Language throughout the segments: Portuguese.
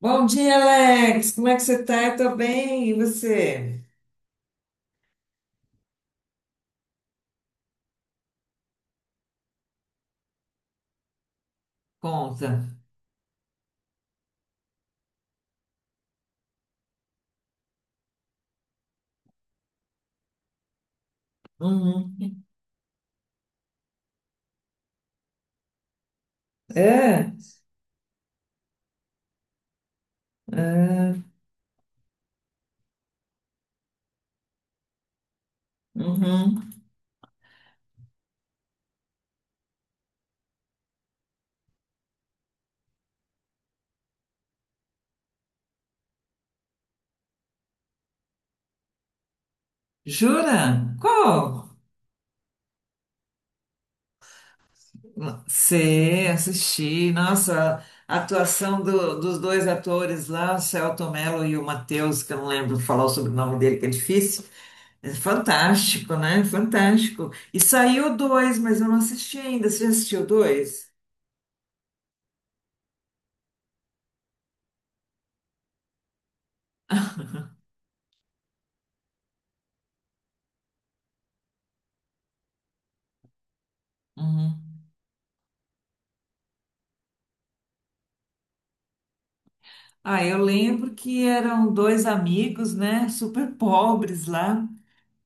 Bom dia, Alex. Como é que você tá? Eu tô bem. E você? Conta. Uhum. É? É. Uhum. Jura? Qual? Sei, assisti. Nossa, a atuação dos dois atores lá, o Celton Mello e o Matheus, que eu não lembro falar o sobrenome dele, que é difícil. É fantástico, né? Fantástico. E saiu dois, mas eu não assisti ainda. Você já assistiu dois? Ah, eu lembro que eram dois amigos, né, super pobres lá,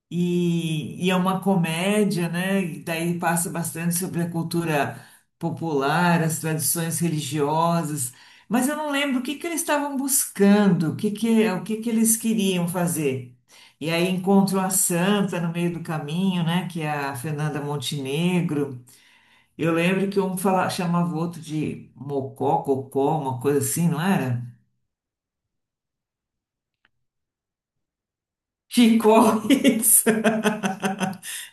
e é uma comédia, né, e daí passa bastante sobre a cultura popular, as tradições religiosas, mas eu não lembro o que eles estavam buscando, o que que eles queriam fazer. E aí encontram a Santa no meio do caminho, né, que é a Fernanda Montenegro. Eu lembro que um fala, chamava o outro de Mocó, Cocó, uma coisa assim, não era? Chicó, isso.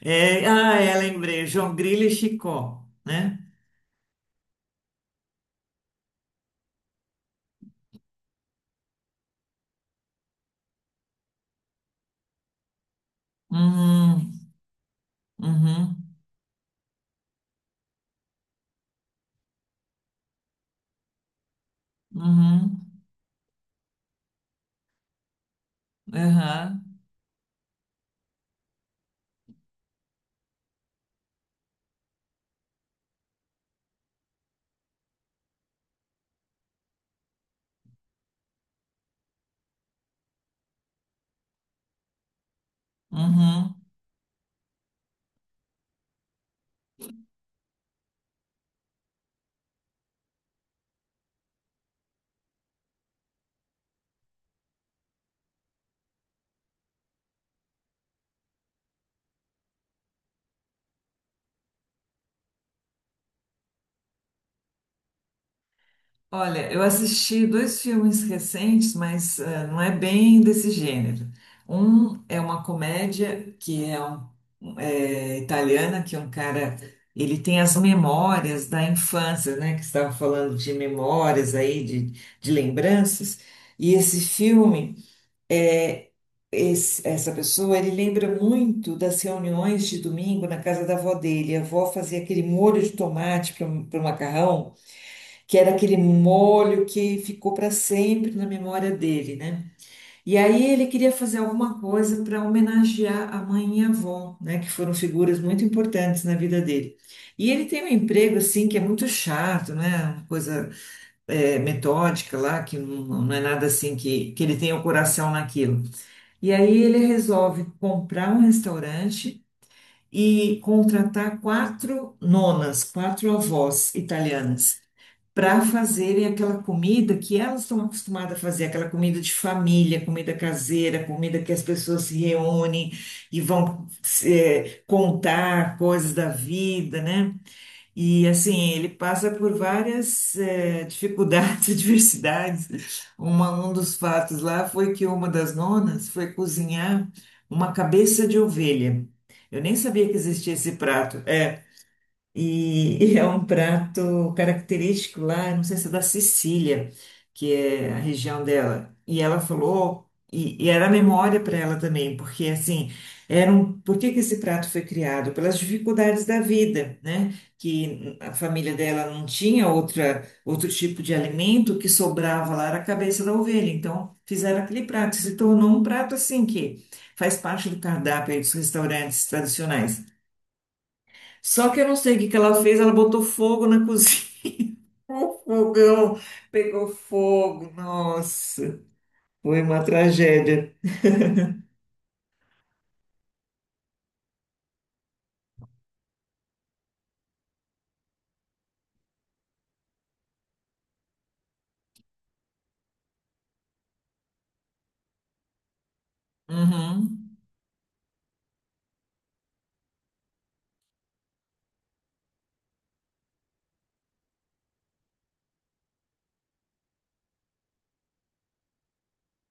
É, ah, é, lembrei. João Grilo e Chicó, né? Uhum, uhum, uhum, aham, uhum. Olha, eu assisti dois filmes recentes, mas não é bem desse gênero. Um é uma comédia que é, é italiana, que é um cara, ele tem as memórias da infância, né? Que estava falando de memórias aí, de lembranças. E esse filme é, essa pessoa, ele lembra muito das reuniões de domingo na casa da avó dele. A avó fazia aquele molho de tomate para o macarrão, que era aquele molho que ficou para sempre na memória dele, né? E aí ele queria fazer alguma coisa para homenagear a mãe e a avó, né? Que foram figuras muito importantes na vida dele. E ele tem um emprego, assim, que é muito chato, né? Uma coisa, é, metódica lá, que não é nada assim que ele tenha o coração naquilo. E aí ele resolve comprar um restaurante e contratar quatro nonas, quatro avós italianas, para fazerem aquela comida que elas estão acostumadas a fazer, aquela comida de família, comida caseira, comida que as pessoas se reúnem e vão contar coisas da vida, né? E assim, ele passa por várias dificuldades, adversidades. Uma, um dos fatos lá foi que uma das nonas foi cozinhar uma cabeça de ovelha. Eu nem sabia que existia esse prato. É, e, e é um prato característico lá, não sei se é da Sicília, que é a região dela. E ela falou, e era memória para ela também, porque assim, era um, por que que esse prato foi criado? Pelas dificuldades da vida, né? Que a família dela não tinha outra, outro tipo de alimento, o que sobrava lá era a cabeça da ovelha. Então, fizeram aquele prato, se tornou um prato assim que faz parte do cardápio aí dos restaurantes tradicionais. Só que eu não sei o que ela fez, ela botou fogo na cozinha. O fogão pegou fogo. Nossa, foi uma tragédia. Uhum,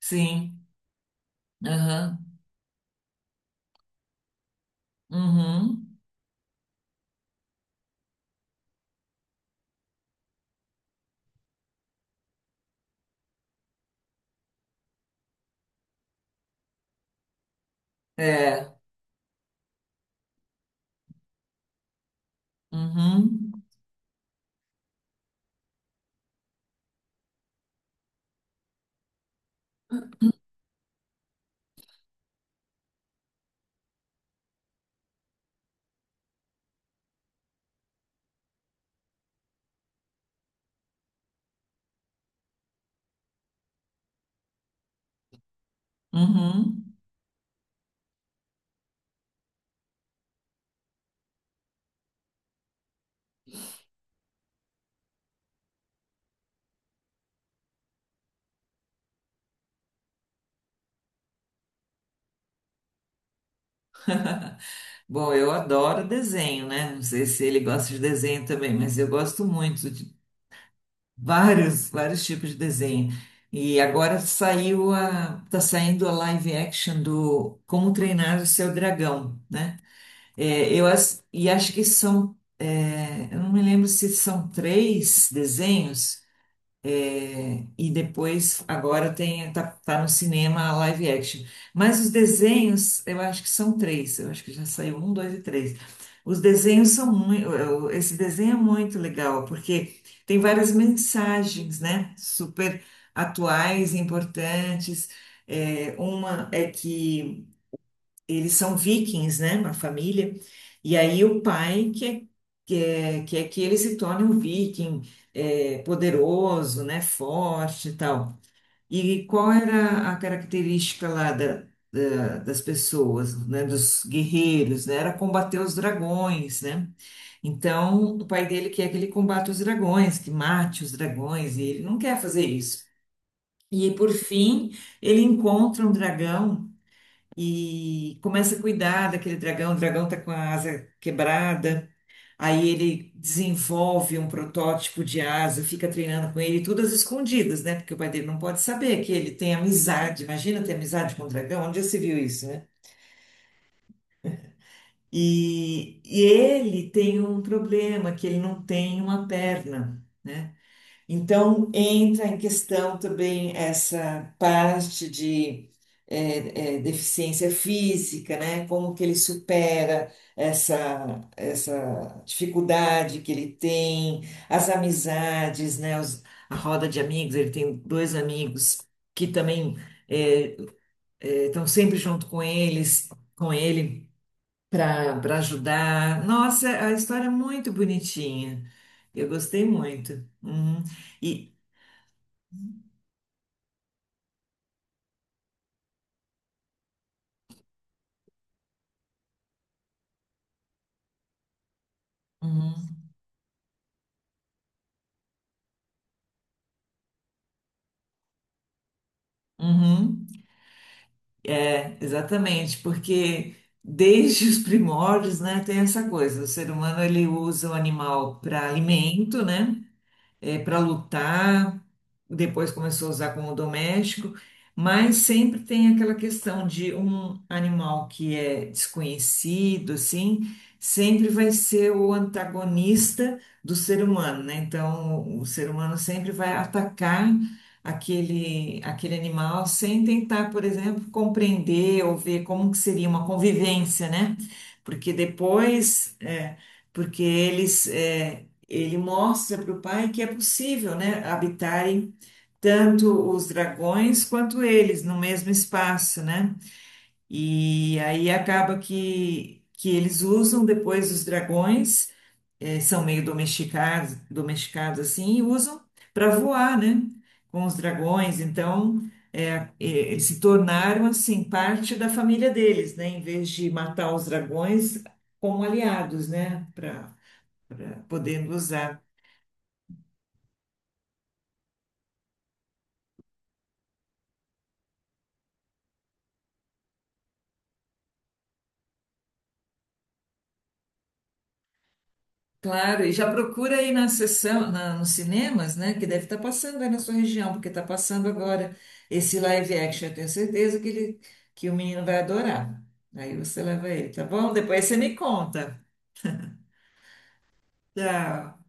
sim. Aham. Uhum. É. Uhum. Uhum. Bom, eu adoro desenho, né? Não sei se ele gosta de desenho também, mas eu gosto muito de vários tipos de desenho. E agora saiu a, tá saindo a live action do Como Treinar o Seu Dragão, né? É, eu e acho que são, é, eu não me lembro se são três desenhos é, e depois agora tem tá no cinema a live action. Mas os desenhos, eu acho que são três. Eu acho que já saiu um, dois e três. Os desenhos são muito, esse desenho é muito legal porque tem várias mensagens, né? Super atuais, importantes. É, uma é que eles são vikings, né, uma família, e aí o pai quer, quer que ele se torne um viking, é, poderoso, né, forte e tal. E qual era a característica lá da, das pessoas, né, dos guerreiros, né, era combater os dragões, né? Então, o pai dele quer que ele combata os dragões, que mate os dragões, e ele não quer fazer isso. E, por fim, ele encontra um dragão e começa a cuidar daquele dragão. O dragão está com a asa quebrada, aí ele desenvolve um protótipo de asa, fica treinando com ele, tudo às escondidas, né? Porque o pai dele não pode saber que ele tem amizade. Imagina ter amizade com o dragão, onde já se viu isso, né? E ele tem um problema, que ele não tem uma perna. Né? Então, entra em questão também essa parte de deficiência física, né? Como que ele supera essa dificuldade que ele tem, as amizades, né? A roda de amigos, ele tem dois amigos que também é, é, estão sempre junto com eles, com ele, para ajudar. Nossa, a história é muito bonitinha. Eu gostei muito. Uhum. Uhum, uhum. É, exatamente, porque desde os primórdios, né, tem essa coisa, o ser humano ele usa o animal para alimento, né, para lutar, depois começou a usar como doméstico, mas sempre tem aquela questão de um animal que é desconhecido, assim, sempre vai ser o antagonista do ser humano, né? Então, o ser humano sempre vai atacar aquele animal sem tentar, por exemplo, compreender ou ver como que seria uma convivência, né? Porque depois, é, porque eles, é, ele mostra para o pai que é possível, né, habitarem tanto os dragões quanto eles no mesmo espaço, né? E aí acaba que eles usam depois os dragões, eh, são meio domesticados, domesticados assim, e usam para voar, né? Com os dragões, então eles se tornaram assim parte da família deles, né? Em vez de matar os dragões como aliados, né? Para podendo usar. Claro, e já procura aí na sessão, nos cinemas, né? Que deve estar passando aí na sua região, porque está passando agora esse live action. Eu tenho certeza que ele, que o menino vai adorar. Aí você leva ele, tá bom? Depois você me conta. Tchau.